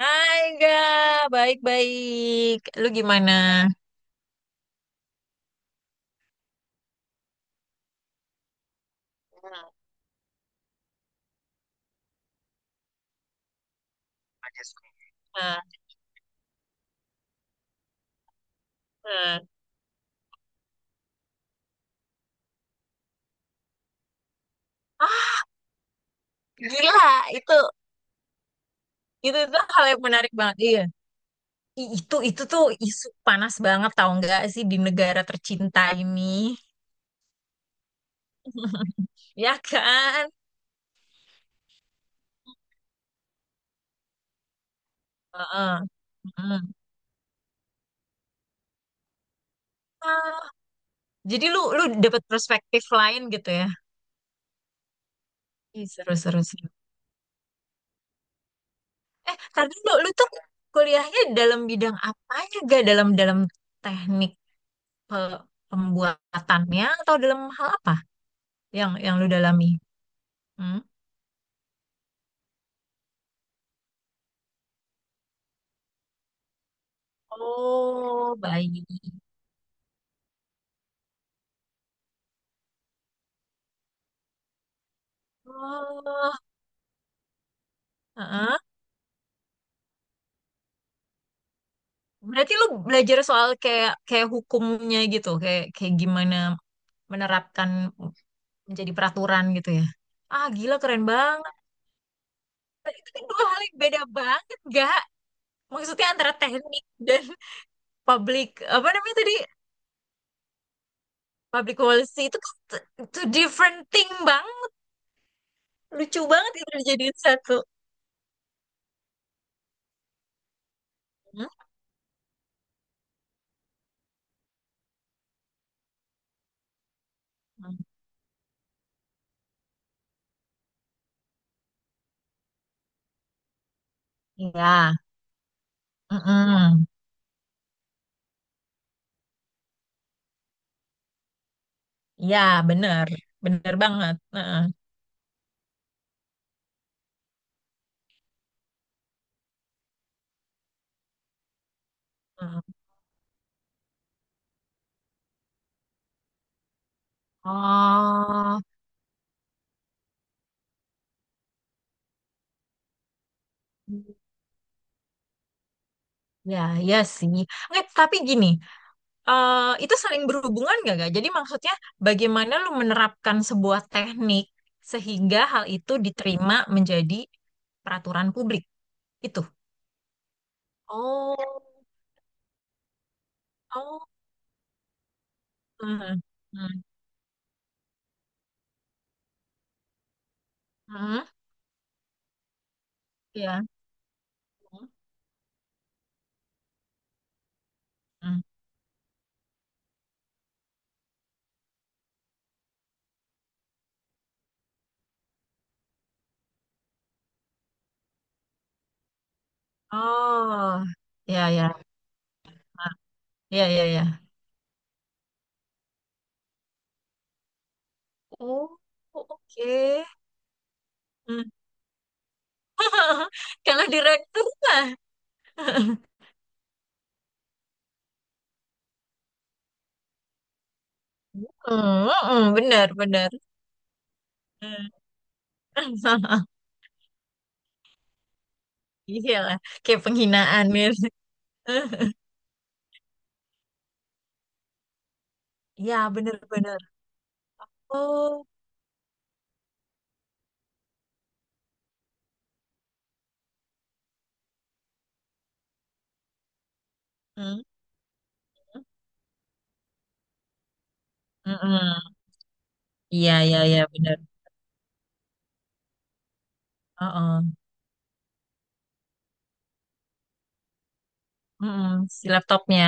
Hai, enggak, baik-baik. Lu gimana? Hmm. Nah, nah. Ah, gila, itu itu hal yang menarik banget. Iya. Itu tuh isu panas banget, tau nggak sih, di negara tercinta ini. Ya, kan? Heeh. Heeh. Ah, jadi lu lu dapat perspektif lain gitu ya. Ih, seru, seru, seru. Tadi lu lu tuh kuliahnya dalam bidang apanya, gak, dalam dalam teknik, pe- pembuatannya, atau dalam hal apa yang lu dalami? Hmm? Oh, baik. Oh, heeh. Berarti lu belajar soal kayak kayak hukumnya gitu, kayak kayak gimana menerapkan menjadi peraturan gitu ya. Ah, gila, keren banget. Itu kan dua hal yang beda banget, gak? Maksudnya antara teknik dan public, apa namanya tadi? Public policy itu kan two different thing, Bang. Lucu banget itu dijadiin satu. Hmm? Ya. Mm-mm. Ya, bener. Bener banget. Heeh. Mm. Oh, ya, ya sih. Nggak, tapi gini, eh, itu saling berhubungan nggak, gak? Jadi maksudnya, bagaimana lu menerapkan sebuah teknik sehingga hal itu diterima menjadi peraturan publik? Itu. Oh, oh, hmm, hmm, mm, ya. Mm. Oh, ya, ya. Ah, ya, ya, ya. Oh, oke. Kalau direktur mah. Hmm, hmm, benar, benar. Iya lah, kayak penghinaan, mir. Iya, benar-benar. Oh, hmm, mm-mm. Iya, iya, iya, benar. Oh, si laptopnya.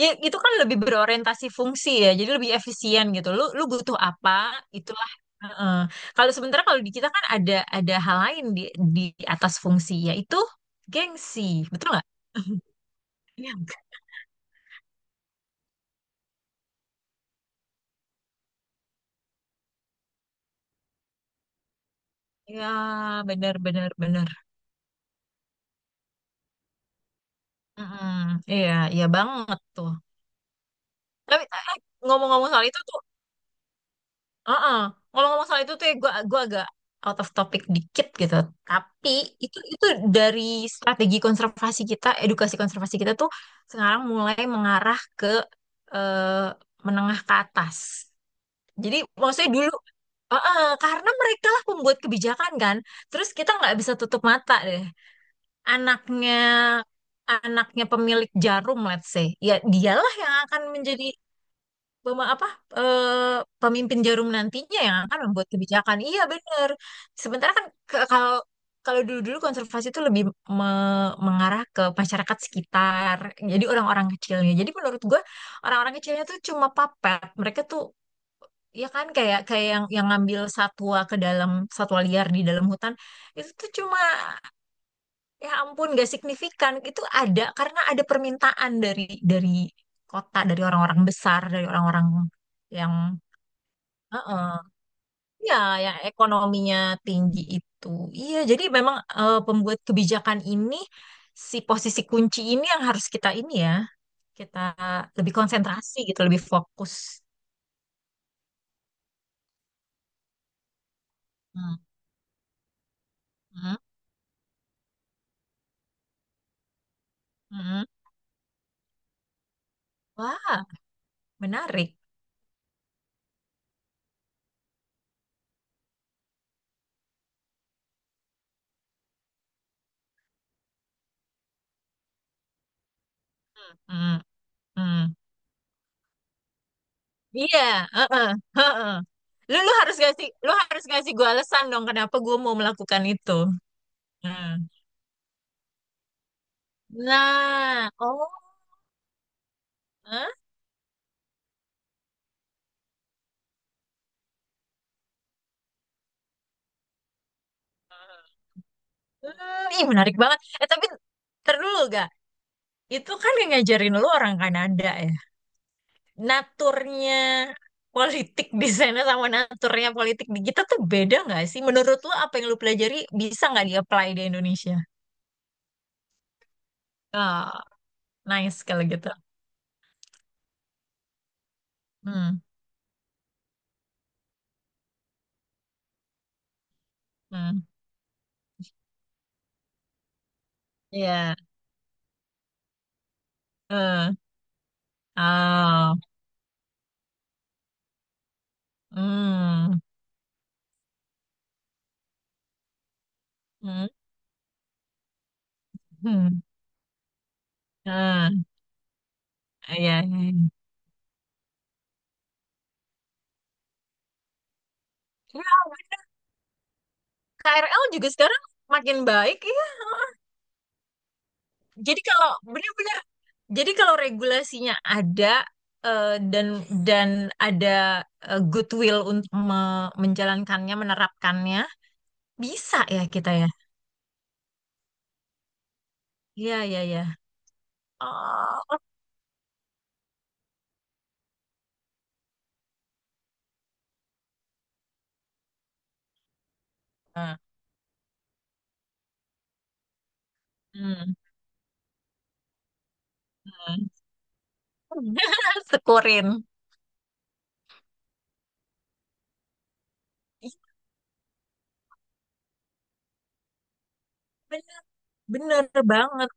Ya, itu kan lebih berorientasi fungsi ya, jadi lebih efisien gitu. Lu butuh apa, itulah. Heeh. Kalau sementara kalau di kita kan ada hal lain di atas fungsi, yaitu gengsi, betul nggak? Iya. Iya, benar, benar, benar. Mm-mm. Iya, iya banget tuh. Tapi ngomong-ngomong soal itu tuh, uh ngomong-ngomong soal itu tuh, ya, gua agak out of topic dikit gitu. Tapi itu dari strategi konservasi kita, edukasi konservasi kita tuh sekarang mulai mengarah ke eh, menengah ke atas. Jadi maksudnya dulu, uh-uh, karena mereka lah pembuat kebijakan kan. Terus kita nggak bisa tutup mata deh. Anaknya anaknya pemilik jarum, let's say, ya, dialah yang akan menjadi pema- apa eh, pemimpin jarum nantinya, yang akan membuat kebijakan. Iya, benar. Sementara kan kalau kalau dulu-dulu konservasi itu lebih mengarah ke masyarakat sekitar, jadi orang-orang kecilnya. Jadi menurut gue, orang-orang kecilnya tuh cuma papet, mereka tuh, ya kan, kayak kayak yang ngambil satwa ke dalam, satwa liar di dalam hutan, itu tuh cuma, ya ampun, gak signifikan. Itu ada karena ada permintaan dari kota, dari orang-orang besar, dari orang-orang yang Heeh. Ya, yang ekonominya tinggi itu. Iya, jadi memang pembuat kebijakan ini, si posisi kunci ini, yang harus kita ini ya, kita lebih konsentrasi gitu, lebih fokus. Hmm, hmm, hmm. Wah, menarik. Hmm, hmm. Iya, heeh, heeh. Lu lu harus ngasih gua alasan dong, kenapa gua mau melakukan itu. Hmm. Nah, oh. Hah? Hmm, ih, menarik banget. Eh, tapi ntar dulu, gak? Itu kan yang ngajarin lu orang Kanada ya. Naturnya politik di sana sama naturnya politik di kita tuh beda nggak sih? Menurut lu, apa yang lu pelajari bisa nggak di-apply di Indonesia? Ah, nice kalau gitu. Hmm, hmm. Iya. eh. Oh. Hmm. Hmm. Hmm. Ah, iya, iya, iya. Ya, KRL juga sekarang makin baik ya. Jadi kalau benar-benar, jadi kalau regulasinya ada, eh, dan dan ada goodwill untuk menjalankannya, menerapkannya, bisa ya kita ya. Iya, iya, iya. Oh, ah, hmm, hmm. Sekurin. Iya, bener, bener banget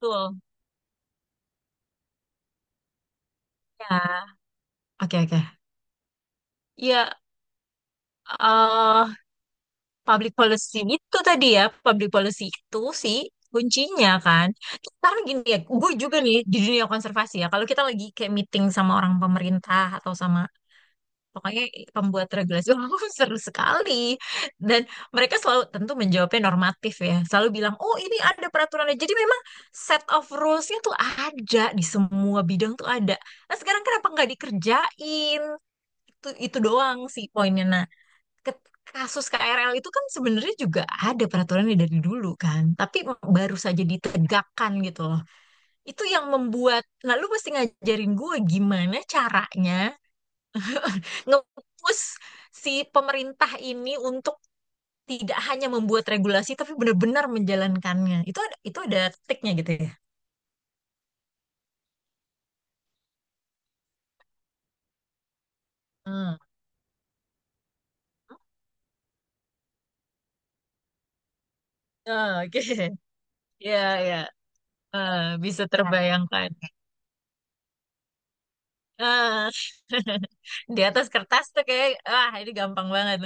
tuh. Ya, oke, oke. Iya, eh, public policy itu tadi ya, public policy itu sih kuncinya kan. Sekarang gini ya, gue juga nih di dunia konservasi ya, kalau kita lagi kayak meeting sama orang pemerintah atau sama pokoknya pembuat regulasi, oh, seru sekali. Dan mereka selalu tentu menjawabnya normatif ya, selalu bilang, oh ini ada peraturannya. Jadi memang set of rules-nya tuh ada, di semua bidang tuh ada. Nah, sekarang kenapa nggak dikerjain? Itu doang sih poinnya. Nah, ke- kasus KRL itu kan sebenarnya juga ada peraturannya dari dulu kan, tapi baru saja ditegakkan gitu loh. Itu yang membuat, nah, lu mesti ngajarin gue gimana caranya nge-push si pemerintah ini untuk tidak hanya membuat regulasi tapi benar-benar menjalankannya. Itu ada triknya gitu ya. Hmm. Ah, oke. Ya, ya. Ah, bisa terbayangkan. Ah. Di atas kertas tuh kayak, ah, ini gampang banget.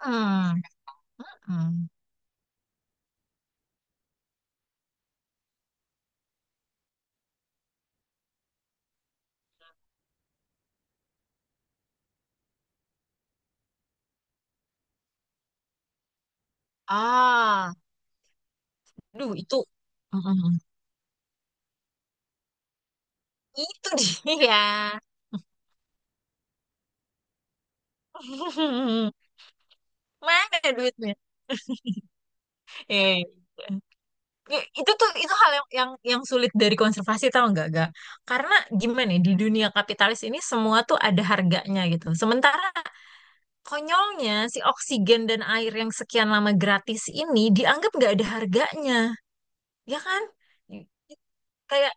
Hmm. Hmm. Ah, duh, itu. Hmm. Itu dia. Mana duitnya? Eh, itu tuh hal yang yang sulit dari konservasi, tau nggak, gak? Karena gimana ya, di dunia kapitalis ini semua tuh ada harganya gitu. Sementara konyolnya, si oksigen dan air yang sekian lama gratis ini dianggap nggak ada harganya, ya kan? Kayak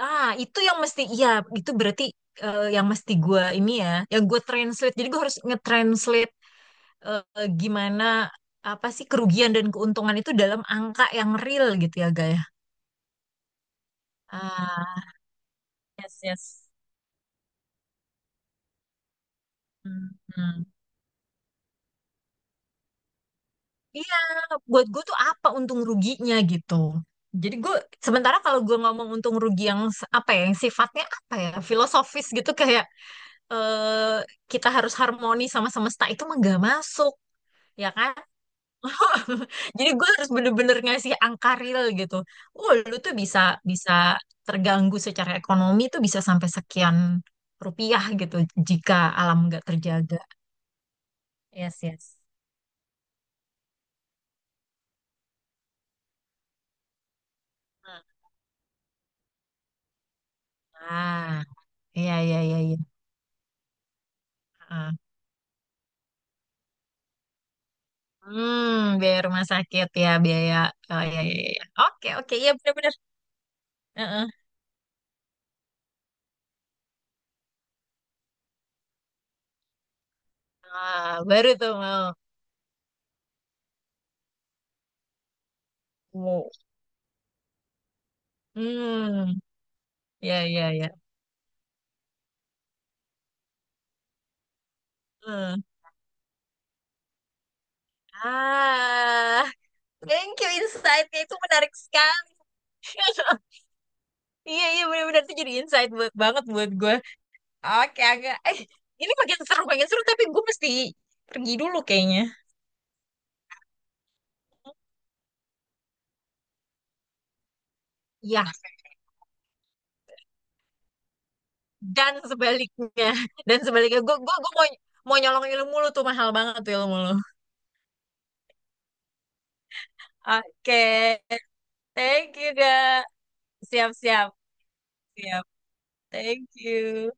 Ah, itu yang mesti, iya, itu berarti yang mesti gue ini ya, yang gue translate. Jadi gue harus nge-translate gimana, apa sih kerugian dan keuntungan itu dalam angka yang real gitu ya, Gaya. Ah, yes, yes. Hmm, hmm. Iya, buat gue tuh apa untung ruginya gitu. Jadi gue, sementara kalau gue ngomong untung rugi yang apa ya, yang sifatnya apa ya, filosofis gitu, kayak eh kita harus harmoni sama semesta, itu mah gak masuk, ya kan? Jadi gue harus bener-bener ngasih angka real gitu. Oh, lu tuh bisa bisa terganggu secara ekonomi tuh bisa sampai sekian rupiah gitu jika alam nggak terjaga. Yes, yes. Ah, iya, iya, iya, iya. Ah. Hmm, biaya rumah sakit ya, biaya. Oh, iya, iya, iya. Oke, oke, iya, benar-benar. Heeh. Ah, baru tuh mau. Wow. Hmm, iya, iya, iya. Eh. Ah, thank you, insight-nya itu menarik sekali. Iya, iya, benar-benar, itu jadi insight buat banget buat gue. Oke Angga, ini makin seru, makin seru, tapi gue mesti pergi dulu kayaknya. Iya, dan sebaliknya, dan sebaliknya, gue mau mau nyolong ilmu lu, tuh mahal banget tuh ilmu lu. Oke, thank you, ga. Siap, siap, siap. Thank you.